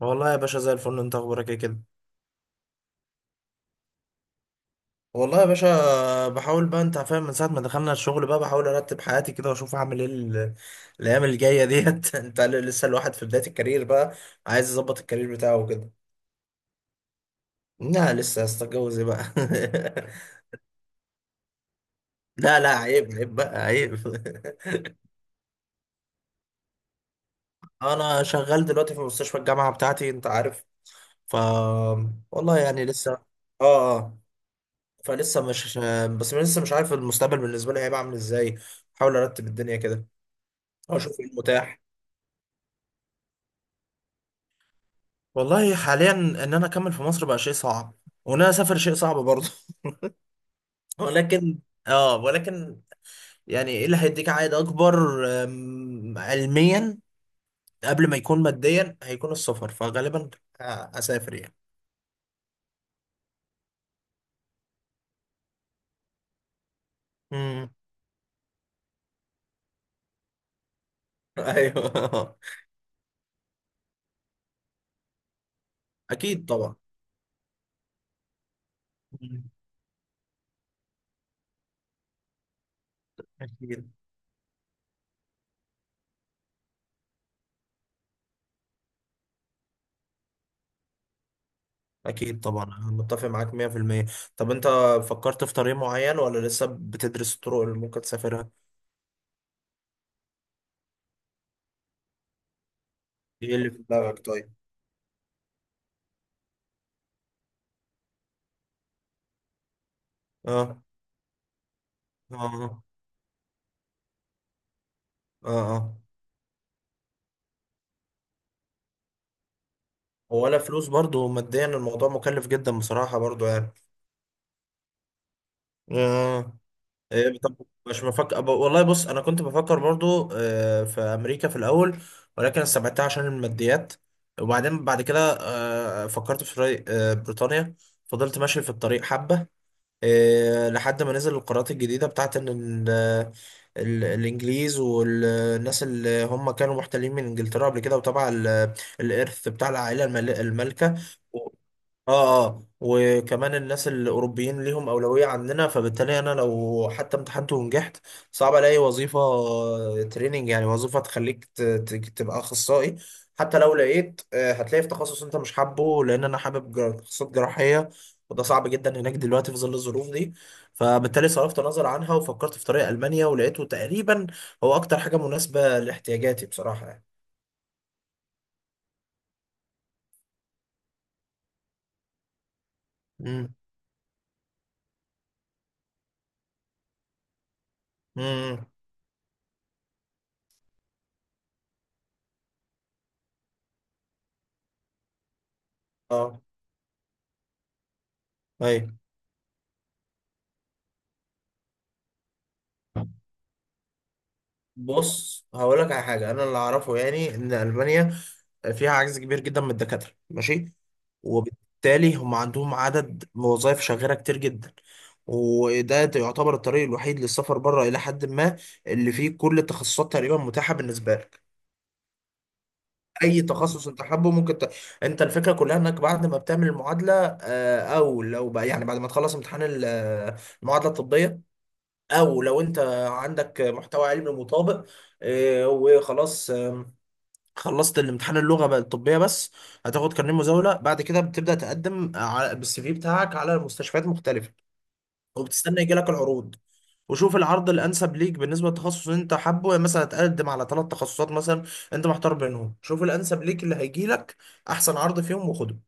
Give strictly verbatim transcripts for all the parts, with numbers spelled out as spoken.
والله يا باشا، زي الفل. انت اخبارك ايه كده؟ والله يا باشا بحاول بقى، انت فاهم، من ساعة ما دخلنا الشغل بقى بحاول ارتب حياتي كده، واشوف هعمل ايه ال- الايام الجاية ديت. انت ل- لسه الواحد في بداية الكارير بقى، عايز يظبط الكارير بتاعه وكده. لا، لسه. استتجوز ايه بقى؟ لا لا، عيب عيب بقى، عيب. انا شغال دلوقتي في مستشفى الجامعة بتاعتي، انت عارف. ف والله يعني لسه. اه اه. فلسه مش بس لسه مش عارف المستقبل بالنسبة لي هيبقى عامل ازاي. بحاول ارتب الدنيا كده، اشوف ايه المتاح. والله حاليا ان انا اكمل في مصر بقى شيء صعب، وان انا اسافر شيء صعب برضه. ولكن. اه ولكن يعني ايه اللي هيديك عائد اكبر؟ أم، علميا، قبل ما يكون ماديا هيكون السفر، فغالبا اسافر يعني. امم. ايوه. اكيد طبعا. مم. اكيد. اكيد طبعا، انا متفق معاك مية في المية. طب انت، فكرت في طريق معين ولا لسه بتدرس الطرق اللي ممكن تسافرها؟ ايه اللي في دماغك طيب؟ اه اه اه اه. ولا فلوس، برضو ماديا الموضوع مكلف جدا بصراحة برضو يعني. آه. إيه طب. مش بفكر ب- والله بص، أنا كنت بفكر برضو آه في أمريكا في الأول، ولكن استبعدتها عشان الماديات. وبعدين بعد كده آه فكرت في ري- آه بريطانيا، فضلت ماشي في الطريق حبة، آه لحد ما نزل القرارات الجديدة بتاعت إن ال- ال- الإنجليز والناس اللي هم كانوا محتلين من إنجلترا قبل كده، وتبع ال- الإرث بتاع العائلة المل- المالكة. اه اه، وكمان الناس الاوروبيين ليهم اولويه عننا، فبالتالي انا لو حتى امتحنت ونجحت، صعب الاقي وظيفه، آه، تريننج، يعني وظيفه تخليك ت- ت- تبقى اخصائي. حتى لو لقيت، آه، هتلاقي في تخصص انت مش حابه، لان انا حابب جر- تخصصات جراحيه، وده صعب جدا هناك دلوقتي في ظل الظروف دي. فبالتالي صرفت نظر عنها، وفكرت في طريق المانيا، ولقيته تقريبا هو اكتر حاجه مناسبه لاحتياجاتي بصراحه يعني. مم. امم. اه. ايوه. بص، هقول لك على حاجه. انا اللي اعرفه يعني ان المانيا فيها عجز كبير جدا من الدكاتره، ماشي؟ وبالتالي هم عندهم عدد وظائف شاغره كتير جدا، وده يعتبر الطريق الوحيد للسفر بره الى حد ما، اللي فيه كل التخصصات تقريبا متاحه بالنسبه لك. اي تخصص انت حابه ممكن ت... انت، الفكره كلها انك بعد ما بتعمل المعادله، آه، او لو بقى يعني بعد ما تخلص امتحان ال- المعادله الطبيه، او لو انت عندك محتوى علمي مطابق، آه، وخلاص، آم، خلصت الامتحان، اللغه بقى الطبيه بس، هتاخد كارنيه مزاوله. بعد كده بتبدا تقدم على- بالسي في بتاعك على مستشفيات مختلفه، وبتستنى يجي لك العروض، وشوف العرض الانسب ليك بالنسبه للتخصص اللي انت حابه. يعني مثلا تقدم على ثلاث تخصصات مثلا، انت محتار بينهم، شوف الانسب ليك اللي هيجي لك احسن عرض فيهم وخده.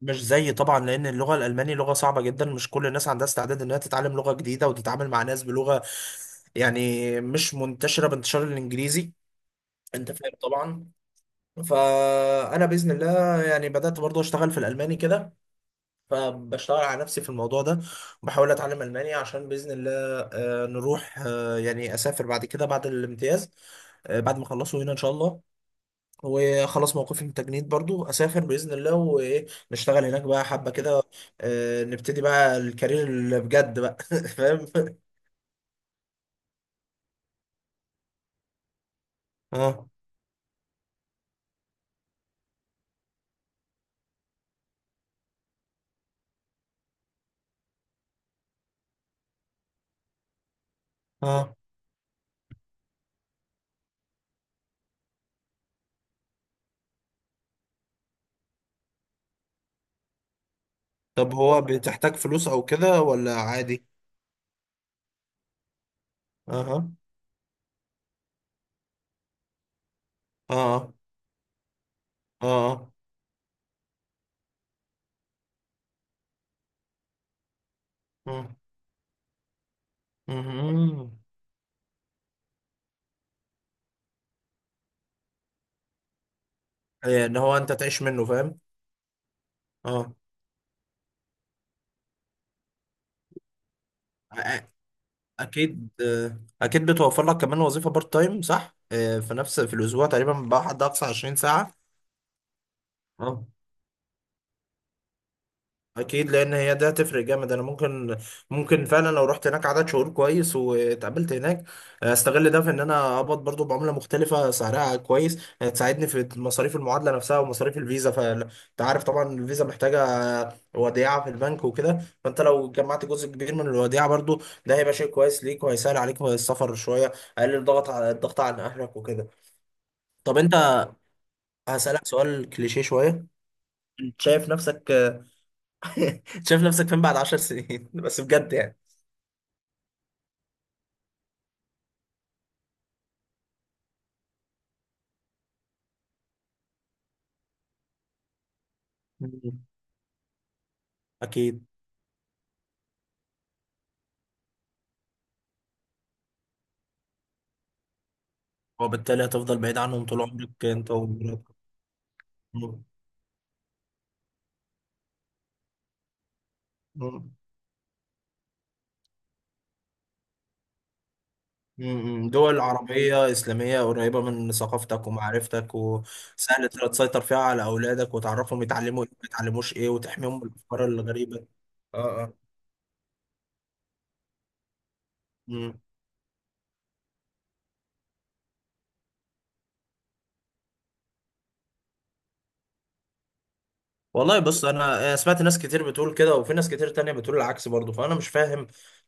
مش زي طبعا، لان اللغه الالماني لغه صعبه جدا، مش كل الناس عندها استعداد انها تتعلم لغه جديده وتتعامل مع ناس بلغه، يعني مش منتشره بانتشار الانجليزي. انت فاهم طبعا. فانا باذن الله يعني بدات برضو اشتغل في الالماني كده، فبشتغل على نفسي في الموضوع ده، وبحاول اتعلم الماني عشان باذن الله آه، نروح، آه، يعني اسافر بعد كده بعد الامتياز، آه، بعد ما اخلصه هنا ان شاء الله، وخلاص موقفي من التجنيد برضو اسافر باذن الله، وايه، نشتغل هناك بقى حبه كده، آه، نبتدي بقى الكارير اللي بجد بقى. فاهم. اه اه. طب هو، بتحتاج فلوس او كده ولا عادي؟ اها. اه اه اه. مم. آه، ان هو انت تعيش منه، فاهم. اه. أ- اكيد. آه، اكيد بتوفر لك كمان وظيفه بارت تايم، صح؟ آه، في نفس في الاسبوع تقريبا بقى حد اقصى 20 ساعه. اه اكيد، لان هي ده هتفرق جامد. انا ممكن ممكن فعلا لو رحت هناك عدد شهور كويس واتقابلت هناك، استغل ده في ان انا اقبض برضو بعمله مختلفه سعرها كويس، تساعدني في مصاريف المعادله نفسها ومصاريف الفيزا. فانت عارف طبعا الفيزا محتاجه وديعه في البنك وكده، فانت لو جمعت جزء كبير من الوديعه برضو ده هيبقى شيء كويس ليك، وهيسهل عليك السفر شويه، اقلل ضغط على الضغط على اهلك وكده. طب انت، هسألك سؤال كليشيه شويه. شايف نفسك. شايف نفسك فين بعد عشر سنين؟ بس بجد يعني. مم. أكيد. وبالتالي هتفضل بعيد عنهم طول عمرك، أنت ومراتك. مم. مم. مم. دول عربية إسلامية قريبة من ثقافتك ومعرفتك، وسهل تقدر تسيطر فيها على أولادك، وتعرفهم يتعلموا إيه ما يتعلموش إيه، وتحميهم من الأفكار الغريبة. اه اه. والله بص، انا سمعت ناس كتير بتقول كده، وفي ناس كتير تانية بتقول العكس برضه، فانا مش فاهم.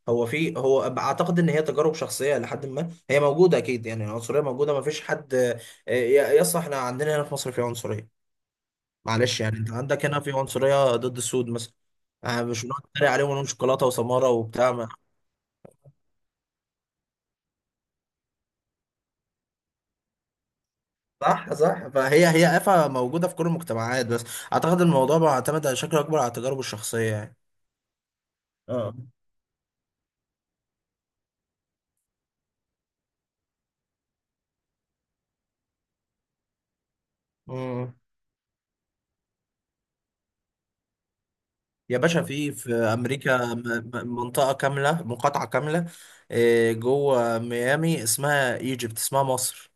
هو في هو اعتقد ان هي تجارب شخصيه، لحد ما هي موجوده اكيد، يعني العنصريه موجوده، ما فيش حد. آه، ي- يس، احنا عندنا هنا في مصر في عنصريه. معلش يعني، انت عندك هنا في عنصريه ضد السود مثلا، آه، مش بنقعد نتريق عليهم ونقول شوكولاته وسماره وبتاع ما- صح صح، فهي هي آفة موجوده في كل المجتمعات، بس اعتقد الموضوع بيعتمد على شكل اكبر على التجارب الشخصيه يعني. اه. مم. يا باشا، في في امريكا م- م- منطقه كامله، مقاطعه كامله آه، جوه ميامي اسمها ايجيبت، اسمها مصر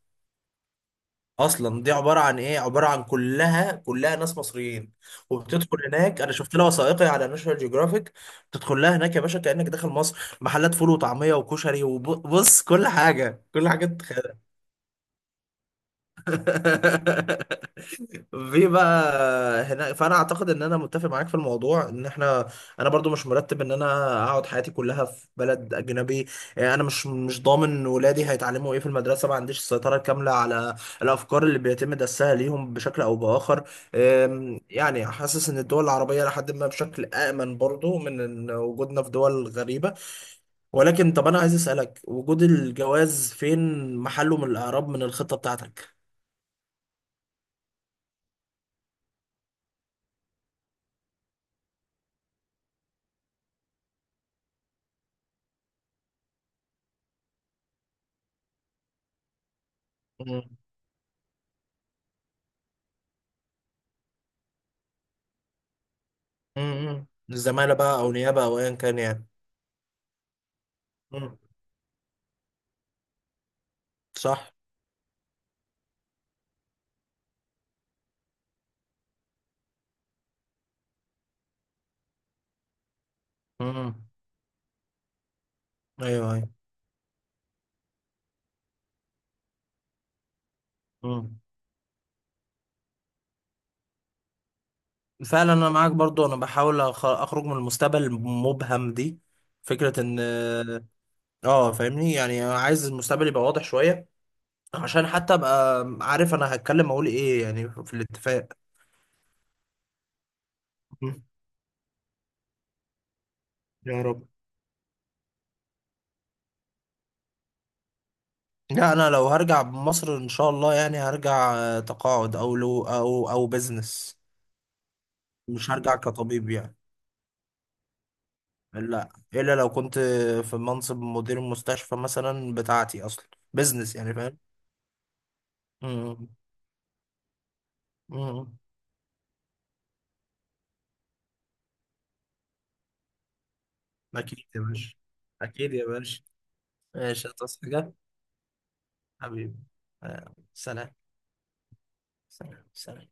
اصلا. دي عباره عن ايه؟ عباره عن كلها كلها ناس مصريين. وبتدخل هناك، انا شفت لها وثائقي على ناشونال جيوغرافيك. بتدخل لها هناك يا باشا كانك داخل مصر. محلات فول وطعميه وكشري وبص، كل حاجه كل حاجه تتخيلها. في بقى هنا. فانا اعتقد ان انا متفق معاك في الموضوع، ان احنا، انا برضو مش مرتب ان انا اقعد حياتي كلها في بلد اجنبي. يعني انا مش مش ضامن ولادي هيتعلموا ايه في المدرسه، ما عنديش السيطره الكامله على الافكار اللي بيتم دسها ليهم بشكل او باخر. أم، يعني حاسس ان الدول العربيه لحد ما بشكل امن برضو من إن وجودنا في دول غريبه. ولكن، طب انا عايز اسالك، وجود الجواز فين محله من الاعراب من الخطه بتاعتك؟ امم الزمالة بقى، أو نيابة، أو أيا كان يعني. امم. صح. امم. أيوه أيوه. امم. فعلا أنا معاك برضو. أنا بحاول أخ- أخرج من المستقبل المبهم دي. فكرة إن، آه فاهمني يعني، أنا عايز المستقبل يبقى واضح شوية، عشان حتى أبقى عارف أنا هتكلم أقول إيه يعني في الاتفاق. مم. يا رب. لا، أنا لو هرجع مصر إن شاء الله يعني هرجع آه، تقاعد، أو لو، أو أو بزنس. مش هرجع كطبيب يعني. لا، الا لو كنت في منصب مدير المستشفى مثلا بتاعتي اصلا. بزنس يعني، فاهم. مم. مم. اكيد يا باشا. اكيد يا باشا. ماشي. هتصحى حاجه؟ حبيبي. آه، سلام. سلام سلام.